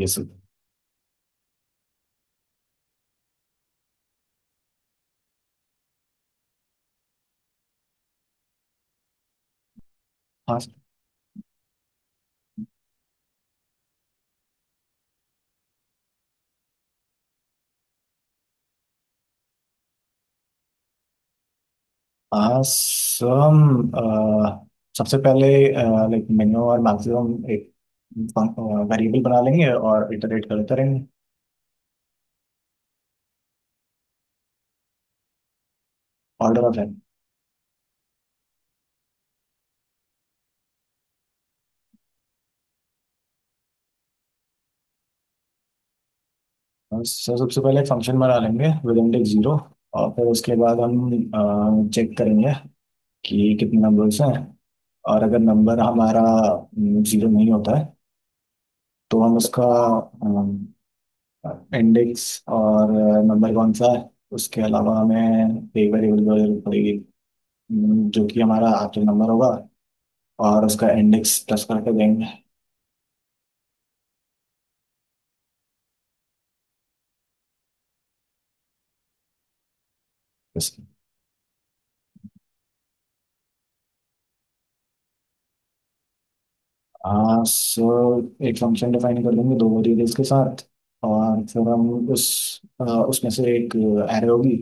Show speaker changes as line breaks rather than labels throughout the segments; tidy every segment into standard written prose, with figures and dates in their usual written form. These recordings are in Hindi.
यस। आसम, सबसे पहले लाइक मिनिमम और मैक्सिमम एक वेरिएबल बना लेंगे और इटरेट करते रहेंगे। Order of N. सर सबसे पहले एक फंक्शन बना लेंगे विद इंडेक्स जीरो और फिर उसके बाद हम चेक करेंगे कि कितने नंबर्स हैं, और अगर नंबर हमारा जीरो नहीं होता है तो हम उसका इंडेक्स और नंबर कौन सा है। उसके अलावा हमें एक वेरिएबल की जरूरत पड़ेगी, जो कि हमारा आखिरी नंबर होगा और उसका इंडेक्स प्लस करके देंगे इसके। हाँ सो, एक फंक्शन डिफाइन कर लेंगे दो वेरिएबल्स के साथ और फिर हम उस उसमें से एक एरे होगी,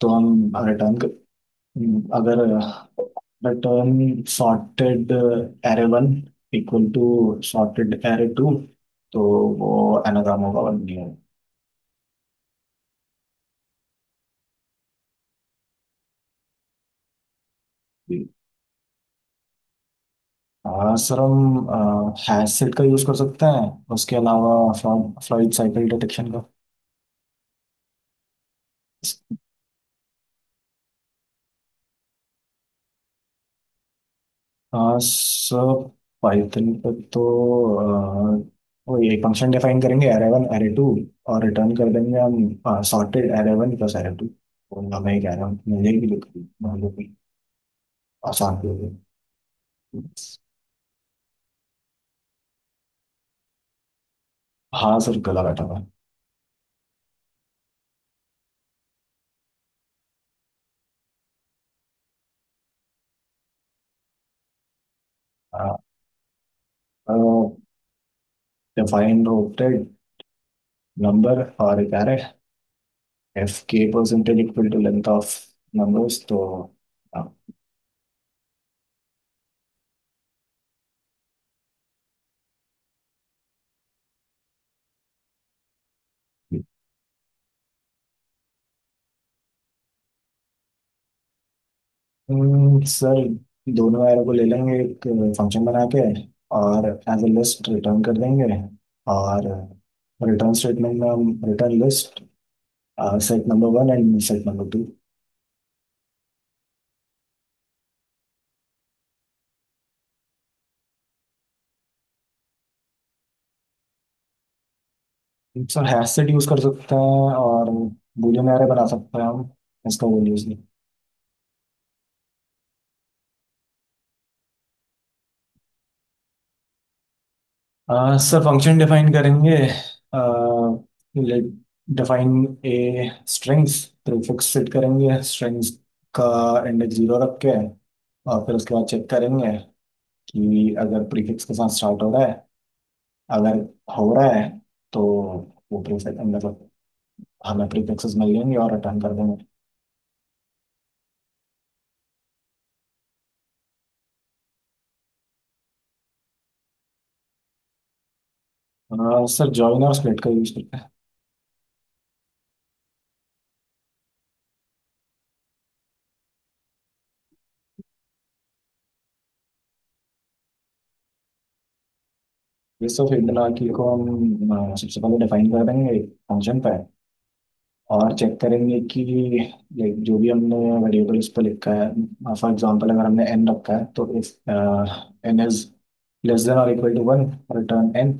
तो हम रिटर्न कर, अगर return sorted array one equal to sorted array two, तो वो एनाग्राम होगा वन नहीं होगा। हाँ सर, हम हैंडसेट का यूज़ कर सकते हैं उसके अलावा फ्लॉइड साइकिल डिटेक्शन का। हाँ सर, पाइथन पे तो अह, वो ये फंक्शन डिफाइन करेंगे एरे वन एरे टू और रिटर्न कर देंगे हम sorted array one plus array two, और हमें एक एरे मिल जाएगी जो कि मान लो कि आसान भी होगी। हाँ सर, गला बैठा हुआ है। डिफाइन रोटेड नंबर और एक array। If k percentage equal to length of numbers तो। सर दोनों एरो को ले लेंगे एक फंक्शन बना के और एज ए लिस्ट रिटर्न कर देंगे, और रिटर्न स्टेटमेंट में हम return list set number one and set number two. Sir hash set use कर सकते हैं और boolean array बना सकते हैं हम, इसका वो यूज। सर फंक्शन डिफाइन करेंगे like define a strings, prefix set करेंगे स्ट्रिंग्स का इंडेक्स जीरो रख के, और फिर उसके बाद चेक करेंगे कि अगर प्रीफिक्स के साथ स्टार्ट हो रहा है, अगर हो रहा है तो वो प्रीफिक्स मतलब हमें प्रीफिक्सेस मिल जाएंगे और रिटर्न कर देंगे। सर जॉइन और स्प्लिट का यूज करते हैं। ये सब फील्ड की को हम सबसे पहले डिफाइन कर देंगे फंक्शन पे, और चेक करेंगे कि लाइक जो भी हमने वेरिएबल्स पे लिखा है। फॉर एग्जांपल अगर हमने एन रखा है तो if N is less than और equal to one return N,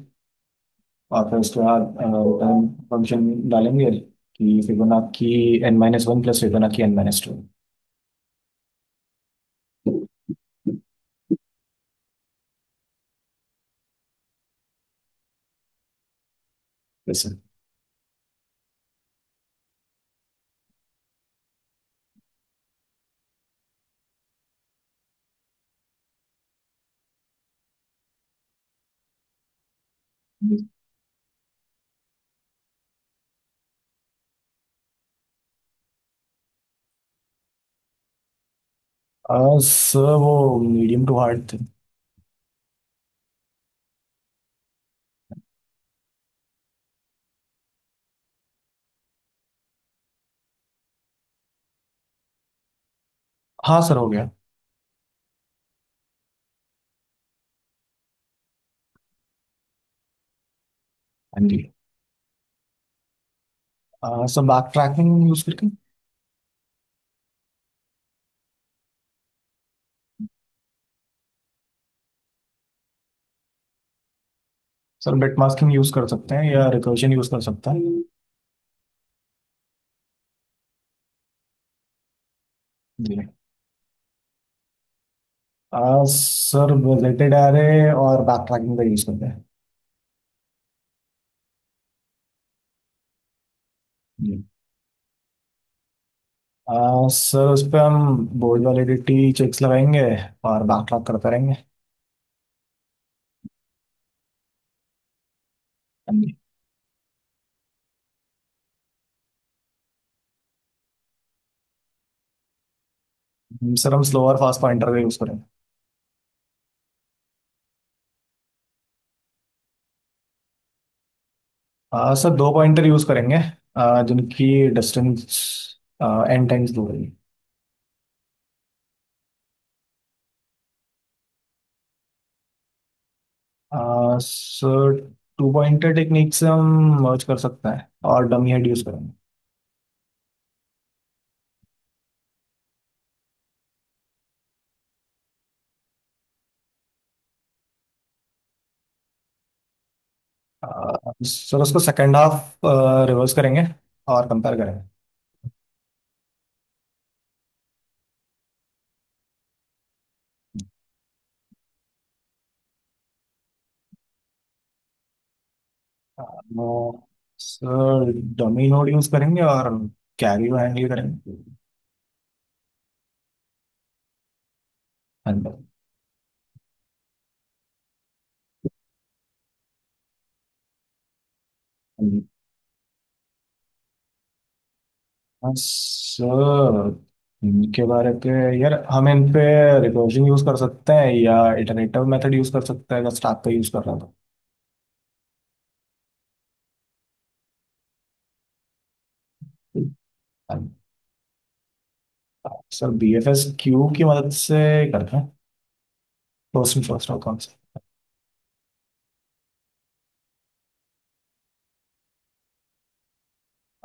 और फिर उसके बाद रिटर्न फंक्शन डालेंगे कि Fibonacci N minus one plus Fibonacci N minus two. जैसे सर वो मीडियम टू हार्ड थे। हाँ सर हो गया। हाँ जी। सर बैक ट्रैकिंग यूज करके। सर बिट मास्किंग यूज कर सकते हैं या रिकर्जन यूज कर सकते हैं। जी। सर बुलेटेड एरे और बैक ट्रैकिंग का यूज करते हैं। जी। सर उस पर हम बोर्ड वैलिडिटी चेक्स लगाएंगे और बैक ट्रैक करते रहेंगे। हाँ जी। सर हम स्लो और फास्ट पॉइंटर का यूज करेंगे। सर दो पॉइंटर यूज करेंगे, जिनकी डिस्टेंस एन टाइम्स दूर है। सर टू पॉइंटर टेक्निक से हम मर्ज कर सकते हैं और डमी हेड यूज करेंगे। सर उसको सेकेंड हाफ रिवर्स करेंगे और कंपेयर करेंगे। हाँ, सर डमी नोड यूज करेंगे और कैरी को हैंडल करेंगे। And- and- हाँ, सर इनके बारे पे यार हम इन पे रिकर्जन यूज कर सकते हैं या इटरेटिव मेथड यूज कर सकते हैं, अगर स्टार्ट पे यूज कर रहा था। हाँ, sir B F S queue की मदद से करते हैं, first in first out concept.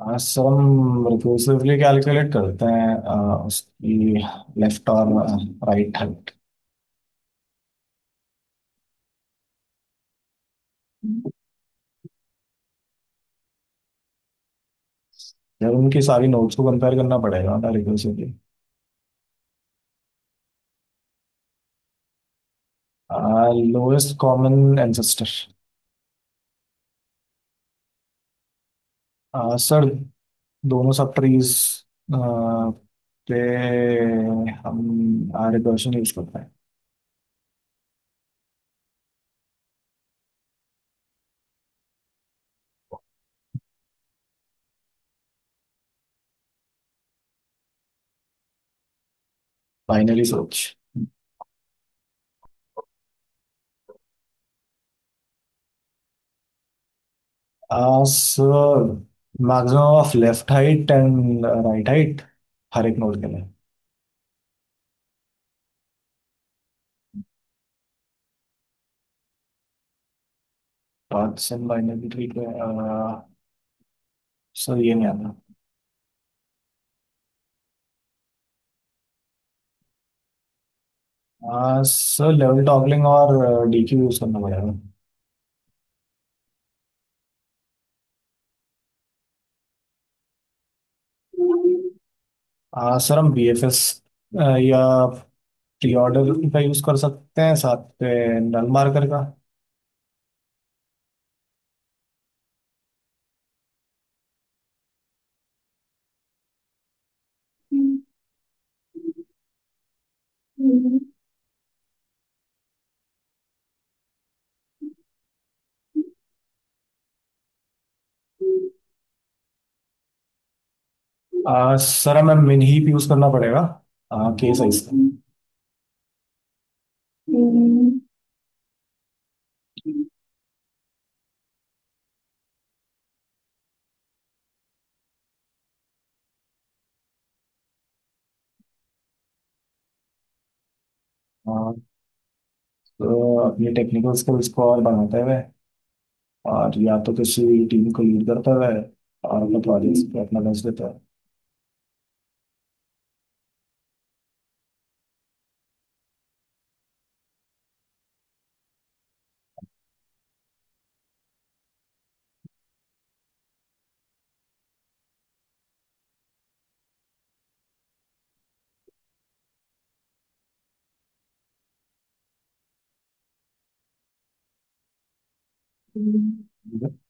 हाँ, सर हम रिकर्सिवली कैलकुलेट करते हैं उसकी लेफ्ट और राइट हैंड। यार उनकी सारी नोट्स को कंपेयर करना पड़ेगा ना recursively. Lowest common ancestor. Sir दोनों सब ट्रीज पे हम आ रिकर्शन यूज करते हैं। Binary search. Sir maximum of left height and right height, हर एक नोड के लिए। पाथ्स इन बाइनरी ट्री पे सर ये नहीं आता। सर लेवल टॉगलिंग और डीक्यू यूज करना पड़ेगा। सर हम बीएफएस या प्री ऑर्डर का यूज कर सकते हैं साथ पे नल मार्कर का। सर हमें मिन ही यूज करना पड़ेगा, के साइज का। आ, तो अपने टेक्निकल स्किल्स को और बढ़ाते हुए और या तो किसी टीम को लीड करते हुए और अपने प्रोजेक्ट्स पे अपना बेस्ट देता है।